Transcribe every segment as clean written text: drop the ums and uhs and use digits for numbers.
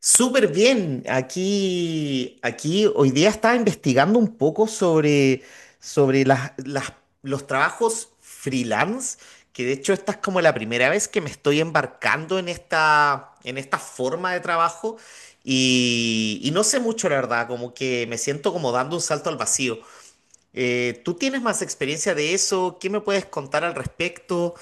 Súper bien. Aquí hoy día estaba investigando un poco sobre los trabajos freelance, que de hecho esta es como la primera vez que me estoy embarcando en esta forma de trabajo y, no sé mucho, la verdad, como que me siento como dando un salto al vacío. ¿Tú tienes más experiencia de eso? ¿Qué me puedes contar al respecto?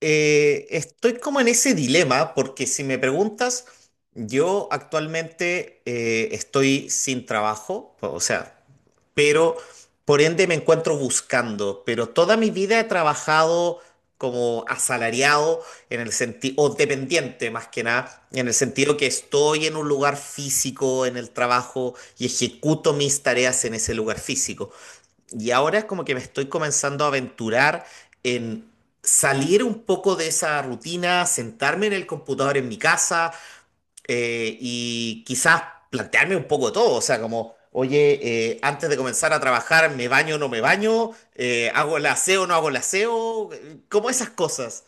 Estoy como en ese dilema porque si me preguntas, yo actualmente estoy sin trabajo, o sea, pero por ende me encuentro buscando, pero toda mi vida he trabajado como asalariado en el sentido, o dependiente más que nada, en el sentido que estoy en un lugar físico en el trabajo y ejecuto mis tareas en ese lugar físico. Y ahora es como que me estoy comenzando a aventurar en salir un poco de esa rutina, sentarme en el computador en mi casa y quizás plantearme un poco todo. O sea, como, oye, antes de comenzar a trabajar, ¿me baño o no me baño? ¿Hago el aseo o no hago el aseo? Como esas cosas.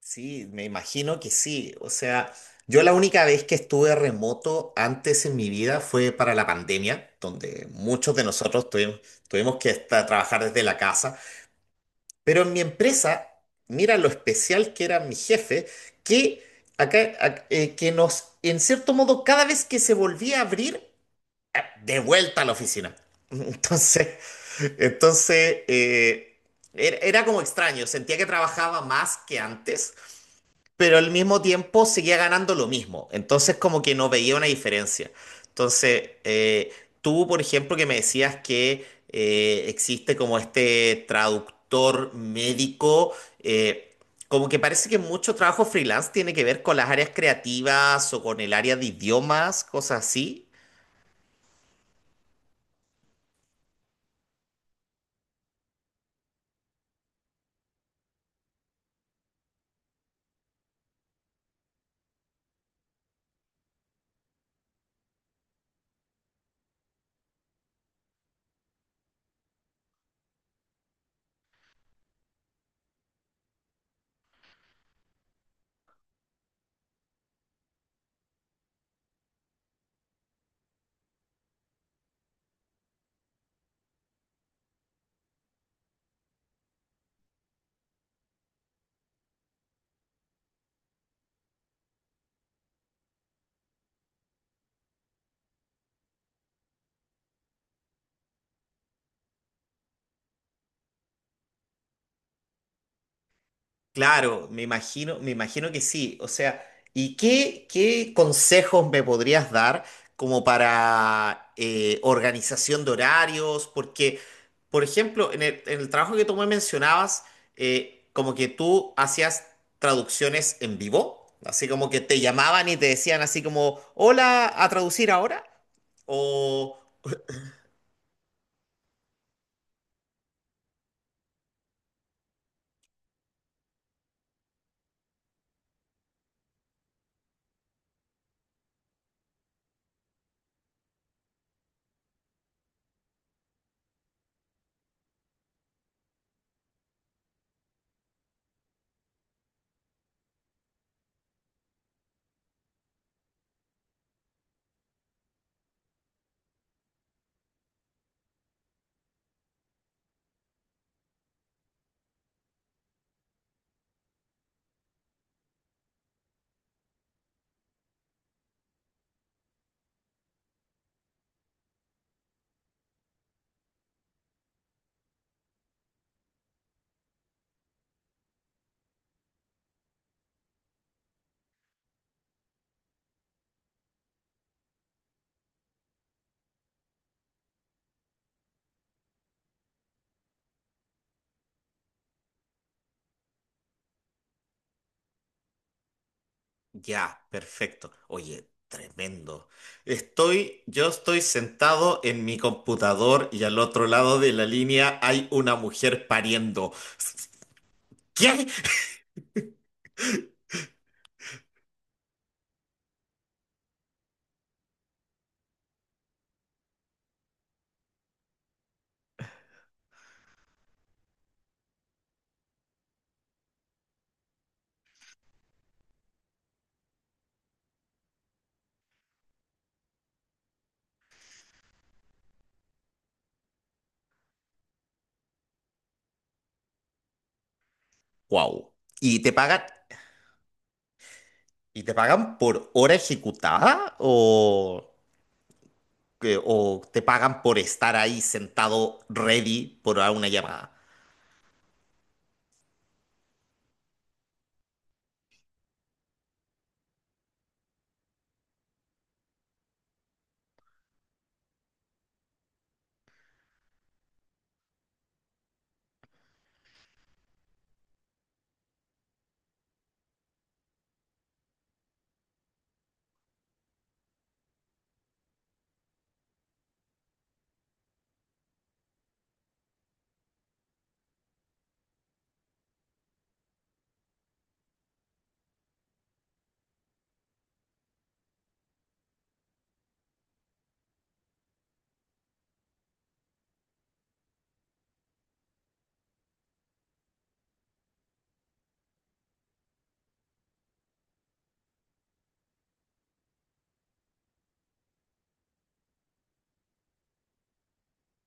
Sí, me imagino que sí. O sea, yo la única vez que estuve remoto antes en mi vida fue para la pandemia, donde muchos de nosotros tuvimos que estar, trabajar desde la casa. Pero en mi empresa, mira lo especial que era mi jefe, que que nos, en cierto modo, cada vez que se volvía a abrir, de vuelta a la oficina. Entonces, entonces, era como extraño, sentía que trabajaba más que antes pero al mismo tiempo seguía ganando lo mismo. Entonces como que no veía una diferencia. Entonces, tú, por ejemplo, que me decías que existe como este traductor médico, eh, como que parece que mucho trabajo freelance tiene que ver con las áreas creativas o con el área de idiomas, cosas así. Claro, me imagino que sí. O sea, ¿y qué consejos me podrías dar como para organización de horarios? Porque, por ejemplo, en el trabajo que tú me mencionabas, como que tú hacías traducciones en vivo, así como que te llamaban y te decían así como, hola, a traducir ahora. O, ya, perfecto. Oye, tremendo. Yo estoy sentado en mi computador y al otro lado de la línea hay una mujer pariendo. ¿Qué? Wow. ¿Y y te pagan por hora ejecutada o, o te pagan por estar ahí sentado ready por una llamada?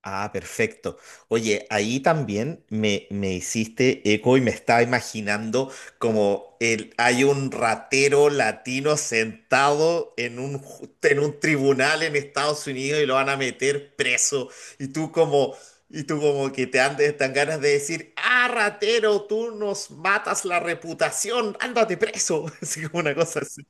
Ah, perfecto. Oye, ahí también me hiciste eco y me estaba imaginando como el, hay un ratero latino sentado en un, en un tribunal en Estados Unidos y lo van a meter preso. Y tú como, y tú como que te andes tan ganas de decir, ah, ratero, tú nos matas la reputación, ándate preso. Así como una cosa así.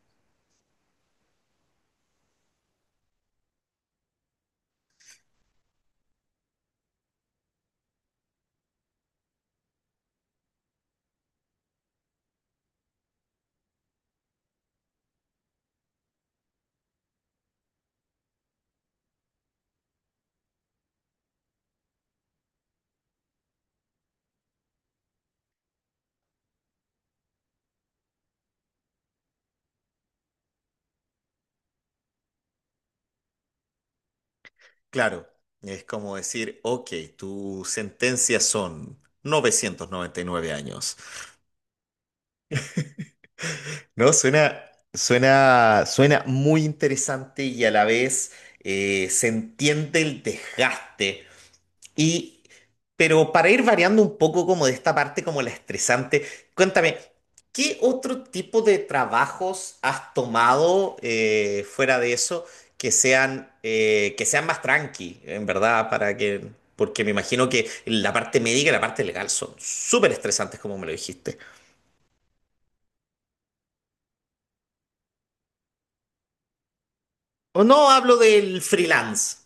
Claro, es como decir, ok, tu sentencia son 999 años. No, suena muy interesante y a la vez se entiende el desgaste. Y, pero para ir variando un poco como de esta parte como la estresante, cuéntame, ¿qué otro tipo de trabajos has tomado fuera de eso que sean más tranqui, en verdad, para que, porque me imagino que la parte médica y la parte legal son súper estresantes, como me lo dijiste. O no hablo del freelance.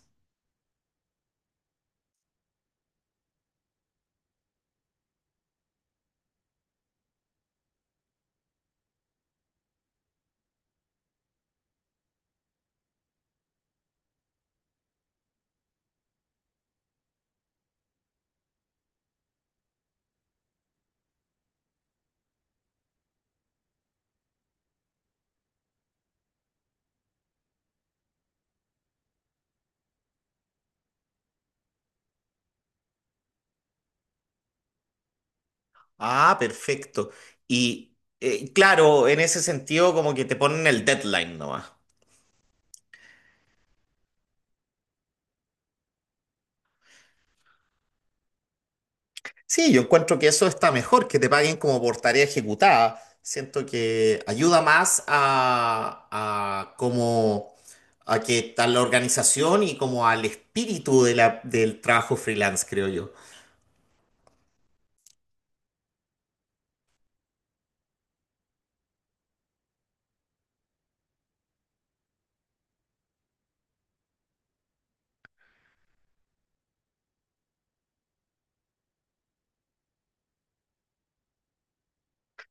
Ah, perfecto. Y claro, en ese sentido como que te ponen el deadline nomás. Sí, yo encuentro que eso está mejor, que te paguen como por tarea ejecutada. Siento que ayuda más a como a que a la organización y como al espíritu de del trabajo freelance, creo yo.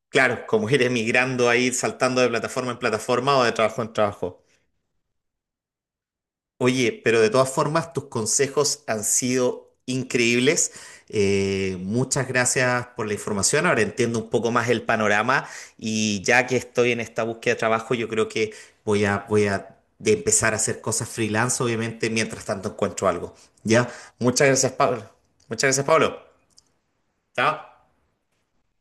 Claro, como ir emigrando ahí, saltando de plataforma en plataforma o de trabajo en trabajo. Oye, pero de todas formas, tus consejos han sido increíbles. Muchas gracias por la información. Ahora entiendo un poco más el panorama y ya que estoy en esta búsqueda de trabajo, yo creo que voy a de empezar a hacer cosas freelance, obviamente, mientras tanto encuentro algo. ¿Ya? Muchas gracias, Pablo. Muchas gracias, Pablo. Chao.